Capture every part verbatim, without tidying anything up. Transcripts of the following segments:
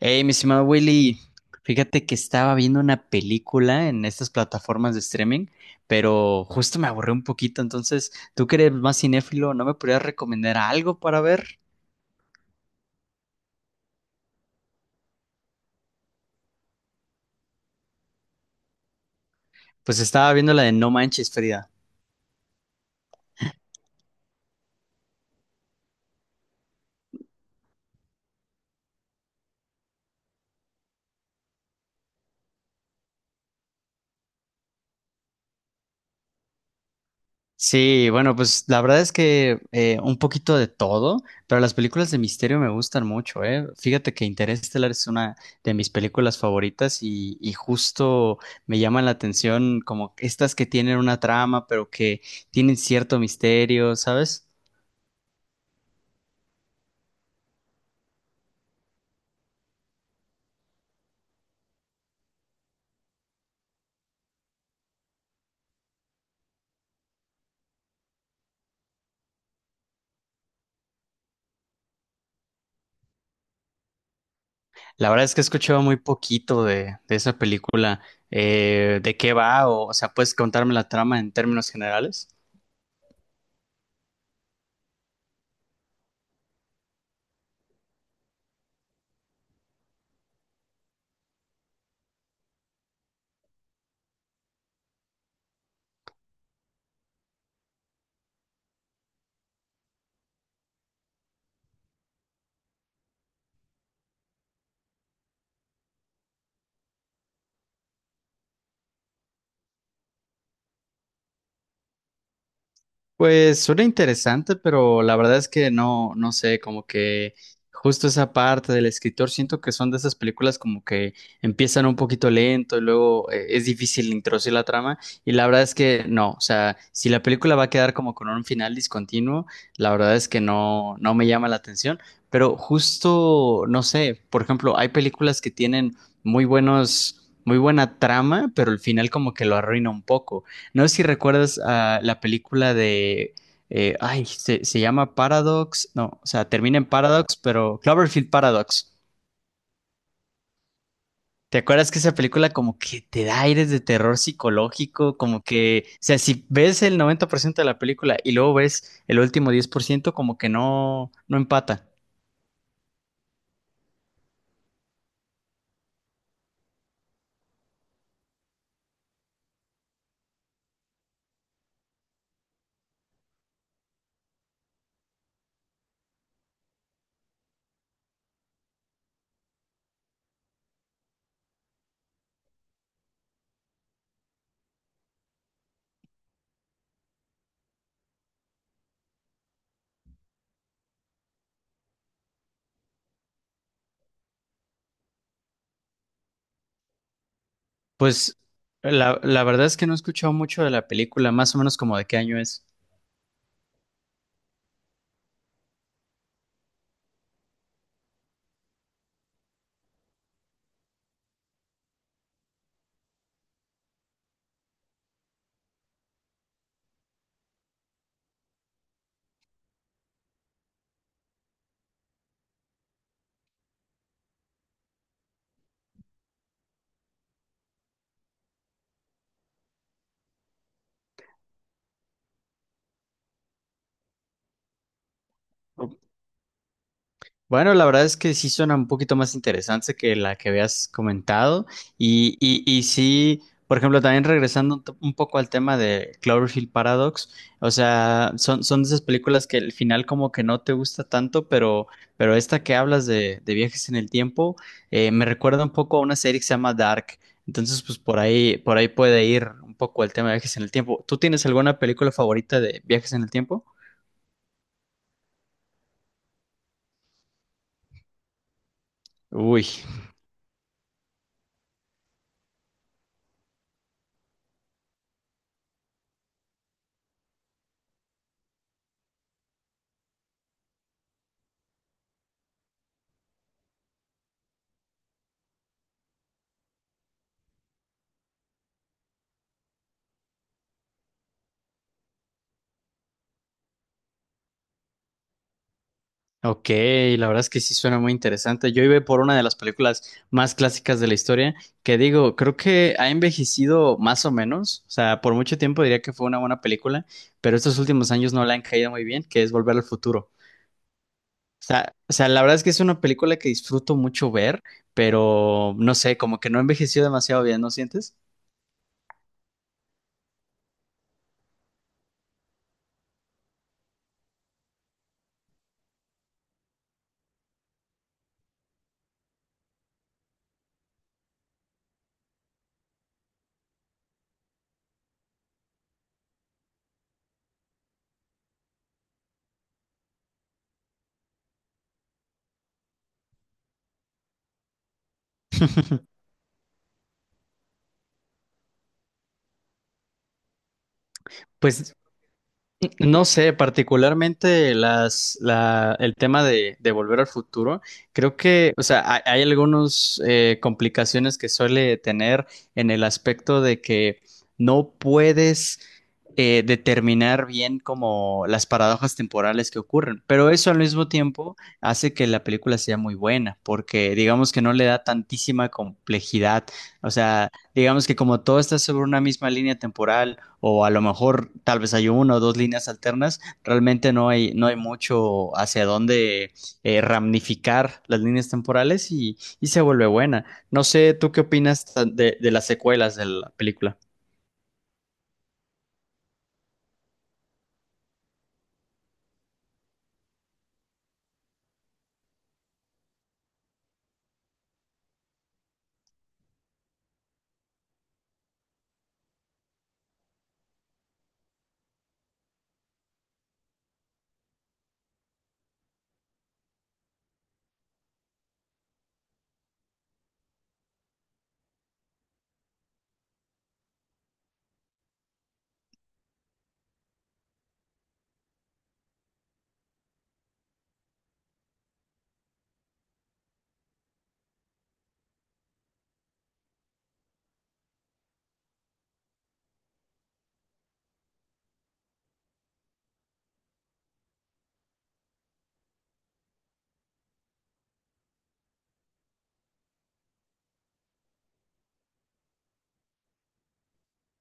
Hey, mi estimado Willy, fíjate que estaba viendo una película en estas plataformas de streaming, pero justo me aburrí un poquito, entonces, tú que eres más cinéfilo, ¿no me podrías recomendar algo para ver? Pues estaba viendo la de No Manches, Frida. Sí, bueno, pues la verdad es que eh, un poquito de todo, pero las películas de misterio me gustan mucho, ¿eh? Fíjate que Interestelar es una de mis películas favoritas y, y justo me llaman la atención como estas que tienen una trama, pero que tienen cierto misterio, ¿sabes? La verdad es que he escuchado muy poquito de, de esa película. eh, ¿De qué va? O, o sea, ¿puedes contarme la trama en términos generales? Pues suena interesante, pero la verdad es que no, no sé, como que justo esa parte del escritor, siento que son de esas películas como que empiezan un poquito lento y luego eh, es difícil introducir la trama y la verdad es que no, o sea, si la película va a quedar como con un final discontinuo, la verdad es que no, no me llama la atención, pero justo, no sé, por ejemplo, hay películas que tienen muy buenos, muy buena trama, pero el final como que lo arruina un poco. No sé si recuerdas a la película de. Eh, ay, se, se llama Paradox. No, o sea, termina en Paradox, pero Cloverfield Paradox. ¿Te acuerdas que esa película como que te da aires de terror psicológico? Como que, o sea, si ves el noventa por ciento de la película y luego ves el último diez por ciento, como que no, no empata. Pues la, la verdad es que no he escuchado mucho de la película, más o menos como de qué año es. Bueno, la verdad es que sí suena un poquito más interesante que la que habías comentado. Y, y, y sí, por ejemplo, también regresando un t- un poco al tema de Cloverfield Paradox, o sea, son, son de esas películas que el final como que no te gusta tanto, pero, pero esta que hablas de, de viajes en el tiempo, eh, me recuerda un poco a una serie que se llama Dark. Entonces, pues por ahí, por ahí puede ir un poco el tema de viajes en el tiempo. ¿Tú tienes alguna película favorita de viajes en el tiempo? Uy. Ok, la verdad es que sí suena muy interesante. Yo iba por una de las películas más clásicas de la historia, que digo, creo que ha envejecido más o menos, o sea, por mucho tiempo diría que fue una buena película, pero estos últimos años no la han caído muy bien, que es Volver al Futuro. O sea, o sea, la verdad es que es una película que disfruto mucho ver, pero no sé, como que no ha envejecido demasiado bien, ¿no sientes? Pues no sé, particularmente las, la, el tema de, de Volver al Futuro, creo que, o sea, hay, hay algunas complicaciones que suele tener en el aspecto de que no puedes eh, determinar bien como las paradojas temporales que ocurren, pero eso al mismo tiempo hace que la película sea muy buena, porque digamos que no le da tantísima complejidad, o sea, digamos que como todo está sobre una misma línea temporal o a lo mejor tal vez hay una o dos líneas alternas, realmente no hay, no hay mucho hacia dónde eh, ramificar las líneas temporales y, y se vuelve buena. No sé, ¿tú qué opinas tan- de, de las secuelas de la película?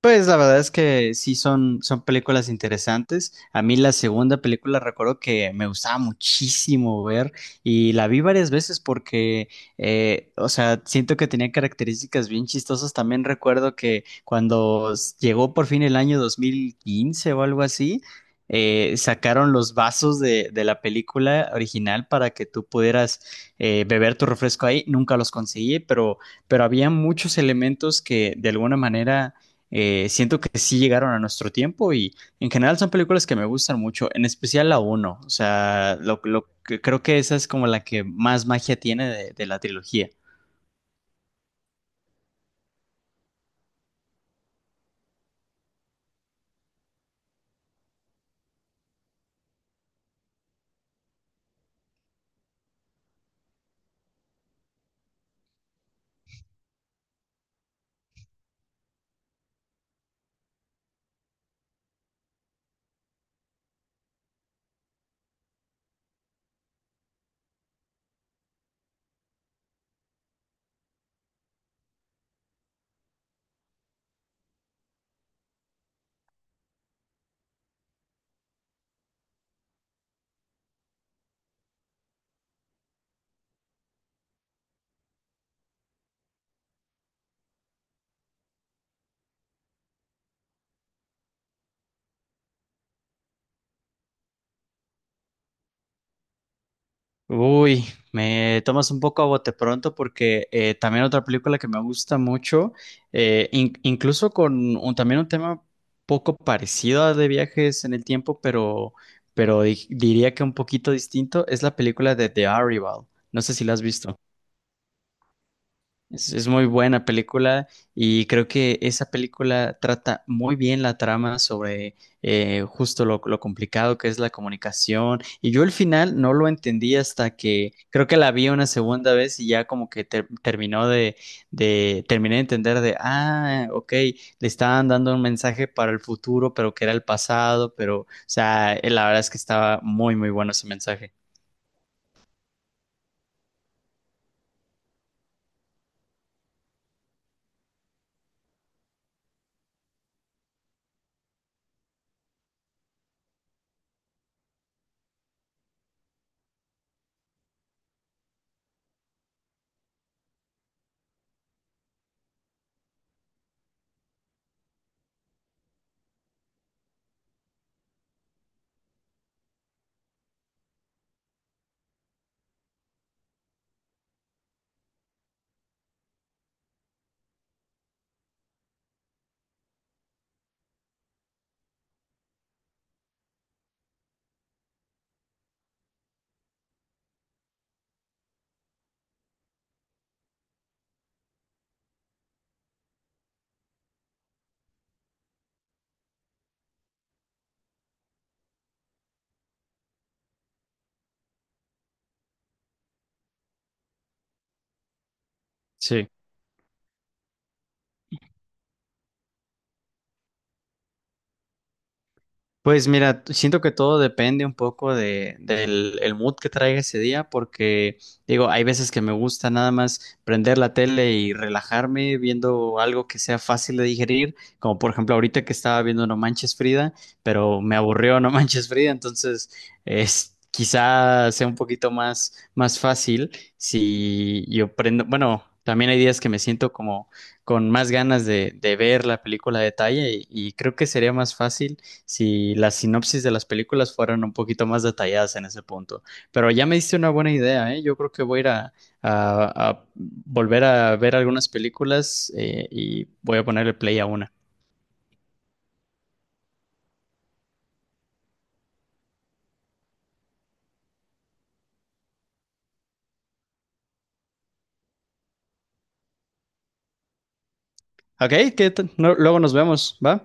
Pues la verdad es que sí son, son películas interesantes. A mí la segunda película recuerdo que me gustaba muchísimo ver y la vi varias veces porque, eh, o sea, siento que tenía características bien chistosas. También recuerdo que cuando s- llegó por fin el año dos mil quince o algo así, eh, sacaron los vasos de, de la película original para que tú pudieras eh, beber tu refresco ahí. Nunca los conseguí, pero, pero había muchos elementos que de alguna manera eh, siento que sí llegaron a nuestro tiempo y en general son películas que me gustan mucho, en especial la uno. O sea, lo, lo que creo que esa es como la que más magia tiene de, de la trilogía. Uy, me tomas un poco a bote pronto porque eh, también otra película que me gusta mucho, eh, in- incluso con un- también un tema poco parecido a de viajes en el tiempo, pero, pero di- diría que un poquito distinto, es la película de The Arrival. No sé si la has visto. Es, es muy buena película y creo que esa película trata muy bien la trama sobre eh, justo lo, lo complicado que es la comunicación. Y yo el final no lo entendí hasta que creo que la vi una segunda vez y ya como que ter- terminó de, de, terminé de entender de, ah, ok, le estaban dando un mensaje para el futuro, pero que era el pasado, pero, o sea, eh, la verdad es que estaba muy, muy bueno ese mensaje. Sí. Pues mira, t- siento que todo depende un poco de, del el mood que traiga ese día, porque digo, hay veces que me gusta nada más prender la tele y relajarme viendo algo que sea fácil de digerir, como por ejemplo ahorita que estaba viendo No Manches Frida, pero me aburrió No Manches Frida, entonces es, quizá sea un poquito más, más fácil si yo prendo, bueno, también hay días que me siento como con más ganas de, de ver la película a detalle y y creo que sería más fácil si las sinopsis de las películas fueran un poquito más detalladas en ese punto. Pero ya me diste una buena idea, ¿eh? Yo creo que voy a ir a, a- a volver a ver algunas películas eh, y voy a ponerle play a una. Ok, que t- no- luego nos vemos, ¿va?